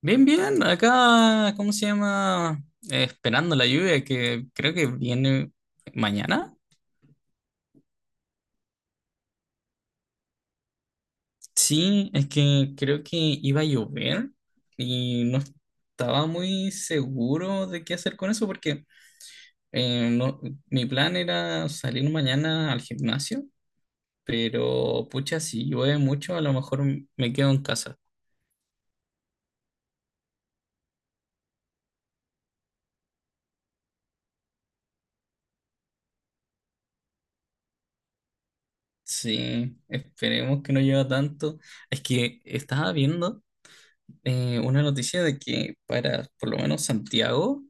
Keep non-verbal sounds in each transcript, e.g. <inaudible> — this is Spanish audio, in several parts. Bien, bien, acá, ¿cómo se llama? Esperando la lluvia que creo que viene mañana. Sí, es que creo que iba a llover y no estaba muy seguro de qué hacer con eso porque no, mi plan era salir mañana al gimnasio, pero pucha, si llueve mucho, a lo mejor me quedo en casa. Sí, esperemos que no llueva tanto. Es que estaba viendo, una noticia de que para por lo menos Santiago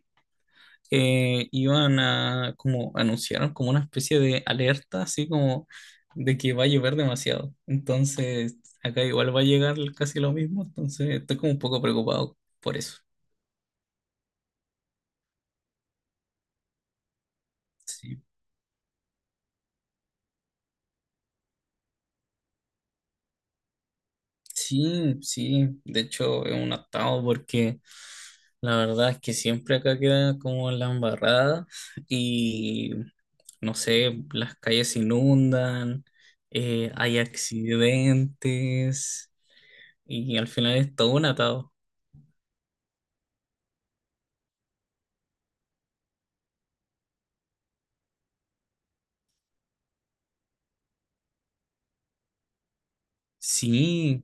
iban a, como anunciaron como una especie de alerta, así como de que va a llover demasiado. Entonces, acá igual va a llegar casi lo mismo, entonces estoy como un poco preocupado por eso. Sí. Sí, sí, de hecho es un atado porque la verdad es que siempre acá queda como la embarrada y no sé, las calles se inundan, hay accidentes y al final es todo un atado. Sí,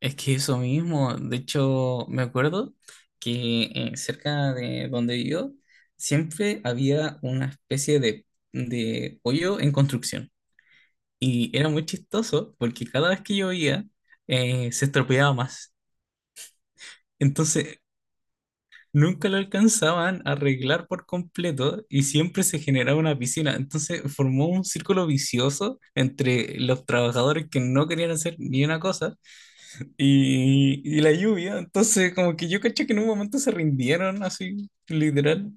es que eso mismo, de hecho me acuerdo que cerca de donde yo siempre había una especie de hoyo en construcción. Y era muy chistoso porque cada vez que llovía se estropeaba más. Entonces nunca lo alcanzaban a arreglar por completo y siempre se generaba una piscina. Entonces formó un círculo vicioso entre los trabajadores que no querían hacer ni una cosa y la lluvia. Entonces como que yo caché que en un momento se rindieron así, literal.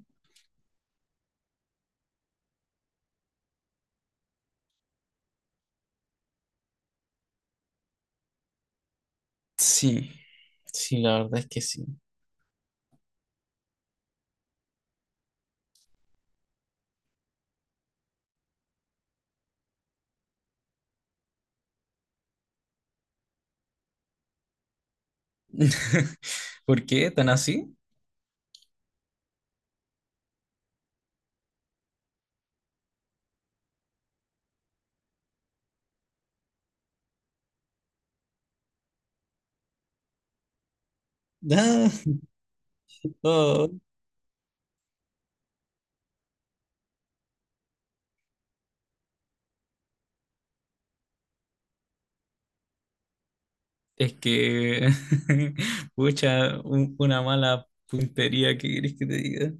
Sí, sí, la verdad es que sí. <laughs> ¿Por qué tan así? Ah, oh. Es que, <laughs> pucha, una mala puntería, ¿qué querés que te diga?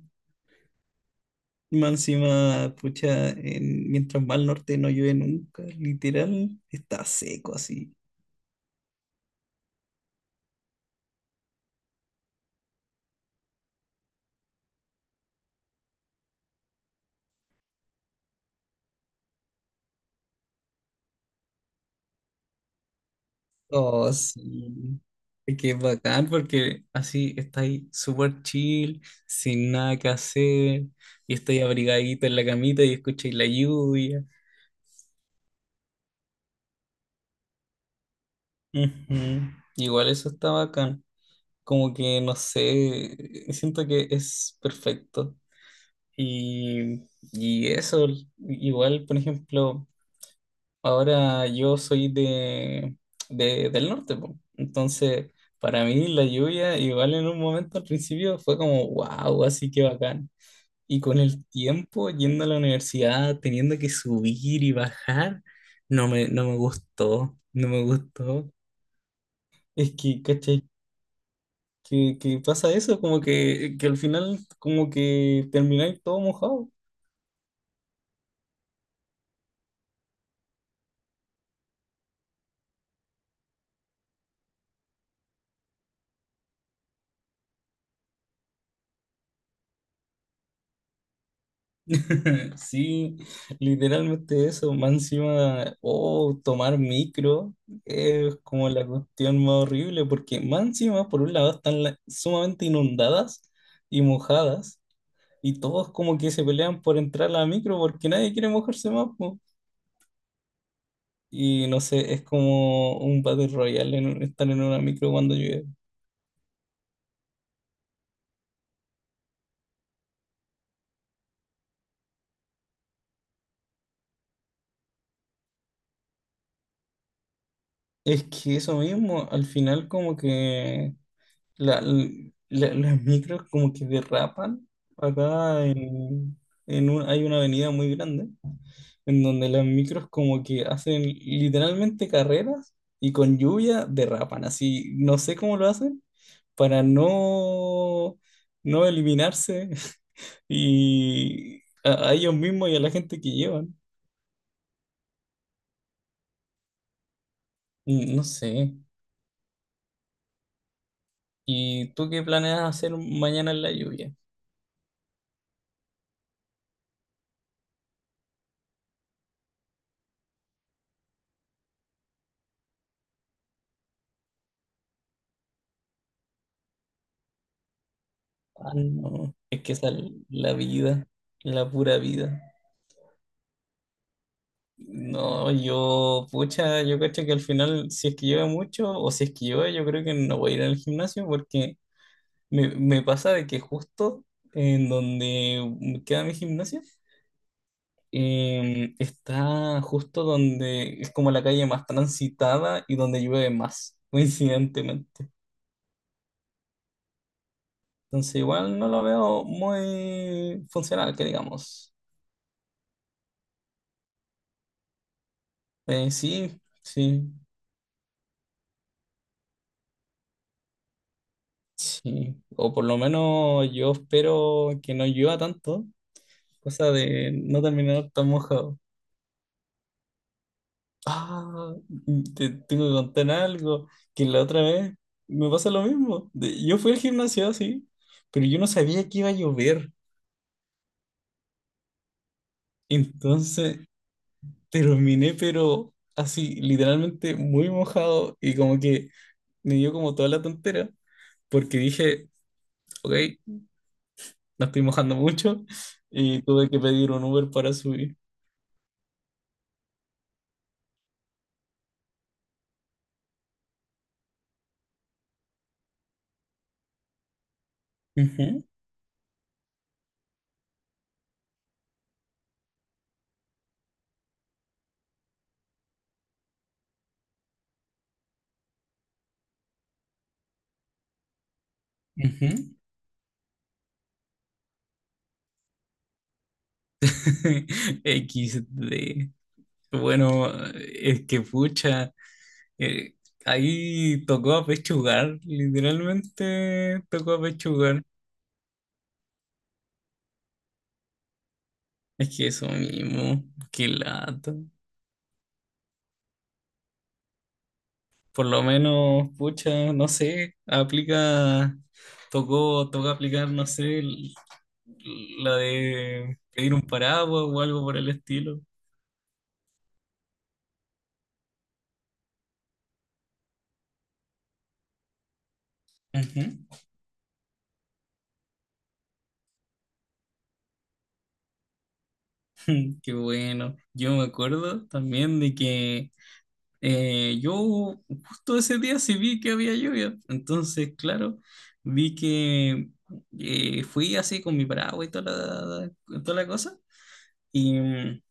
Más encima, pucha, mientras va al norte no llueve nunca, literal, está seco así. Oh, sí. Es que es bacán porque así estáis súper chill, sin nada que hacer, y estáis abrigadito en la camita y escucháis la lluvia. Ujú. Igual eso está bacán. Como que, no sé, siento que es perfecto. Y, y eso, igual, por ejemplo, ahora yo soy del norte, po. Entonces, para mí la lluvia, igual en un momento al principio fue como, wow, así que bacán. Y con el tiempo, yendo a la universidad, teniendo que subir y bajar, no me gustó, no me gustó. Es que, ¿cachai? Que pasa eso, como que al final, como que termináis todo mojado. <laughs> Sí, literalmente eso, más encima, oh, tomar micro es como la cuestión más horrible, porque más encima, por un lado, están sumamente inundadas y mojadas, y todos como que se pelean por entrar a la micro porque nadie quiere mojarse más, po. Y no sé, es como un Battle Royale estar en una micro cuando llueve. Es que eso mismo, al final como que las micros como que derrapan acá en hay una avenida muy grande en donde las micros como que hacen literalmente carreras y con lluvia derrapan. Así, no sé cómo lo hacen para no eliminarse <laughs> y a ellos mismos y a la gente que llevan. No sé. ¿Y tú qué planeas hacer mañana en la lluvia? Ah, no. Es que esa es la vida, la pura vida. No, yo, pucha, yo cacho que al final, si es que llueve mucho o si es que llueve, yo creo que no voy a ir al gimnasio porque me pasa de que justo en donde queda mi gimnasio, está justo donde es como la calle más transitada y donde llueve más, <laughs> coincidentemente. Entonces igual no lo veo muy funcional, que digamos. Sí, sí, sí. O por lo menos yo espero que no llueva tanto, cosa de no terminar tan mojado. Ah, te tengo que contar algo, que la otra vez me pasa lo mismo. Yo fui al gimnasio, sí, pero yo no sabía que iba a llover. Entonces terminé, pero así, literalmente muy mojado y como que me dio como toda la tontera, porque dije, ok, no estoy mojando mucho y tuve que pedir un Uber para subir. Ujú, ujú. <laughs> XD. Bueno, es que pucha, eh, ahí tocó apechugar, literalmente tocó apechugar. Es que eso mismo, qué lata. Por lo menos, pucha, no sé, aplica, tocó aplicar, no sé, la de pedir un paraguas o algo por el estilo. Ujú. <laughs> Qué bueno. Yo me acuerdo también de que yo justo ese día sí vi que había lluvia, entonces, claro, vi que fui así con mi paraguas y toda la cosa, y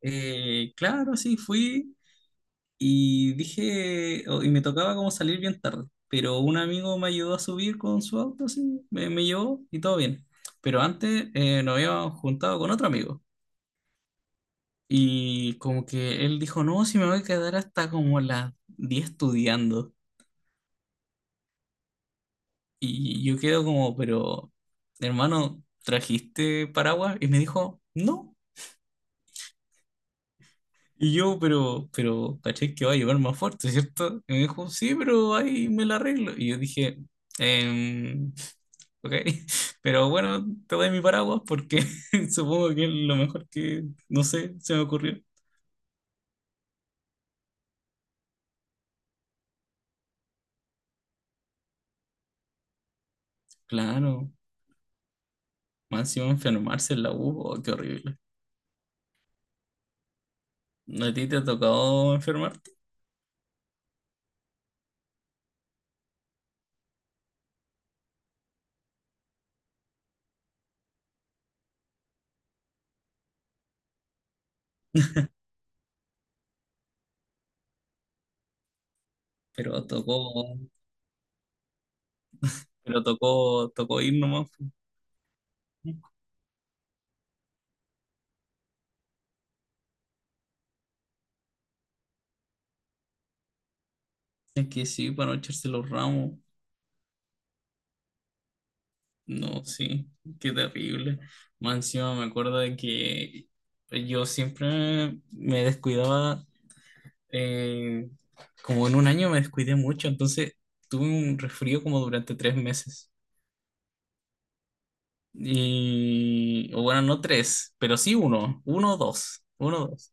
claro, sí, fui y dije, y me tocaba como salir bien tarde, pero un amigo me ayudó a subir con su auto, así, me llevó y todo bien, pero antes nos habíamos juntado con otro amigo. Y como que él dijo, no, si me voy a quedar hasta como las 10 estudiando. Y yo quedo como, pero, hermano, ¿trajiste paraguas? Y me dijo, no. Y yo, pero, caché que va a llover más fuerte, ¿cierto? Y me dijo, sí, pero ahí me la arreglo. Y yo dije, em, ok, <laughs> pero bueno, te doy mi paraguas porque <laughs> supongo que es lo mejor que, no sé, se me ocurrió. Claro, más encima enfermarse en la U, oh, qué horrible. No, ¿a ti te ha tocado enfermarte? Pero tocó, pero tocó ir nomás. Es que sí, para no echarse los ramos. No, sí, qué terrible. Más encima me acuerdo de que yo siempre me descuidaba, eh, como en un año me descuidé mucho, entonces tuve un resfrío como durante 3 meses. Y, o bueno, no tres, pero sí uno, uno o dos, uno o dos.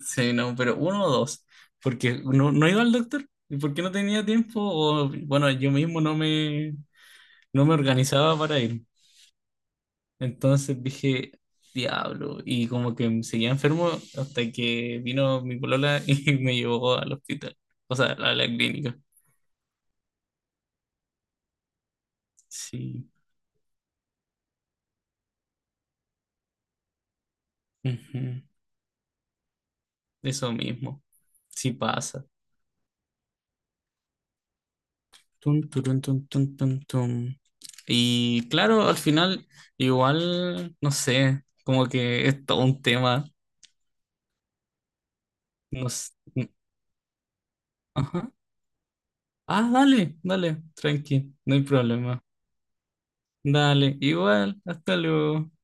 Sí, no, pero uno o dos, porque no iba al doctor, y porque no tenía tiempo, o bueno, yo mismo no me organizaba para ir. Entonces dije, diablo, y como que seguía enfermo hasta que vino mi polola y <laughs> me llevó al hospital, o sea, a la clínica. Sí, ujú. Eso mismo, sí pasa. Tum, turun, tum, tum, tum, tum. Y claro, al final, igual, no sé, como que es todo un tema. No s- n- Ajá. Ah, dale, dale, tranqui, no hay problema. Dale, igual, hasta luego.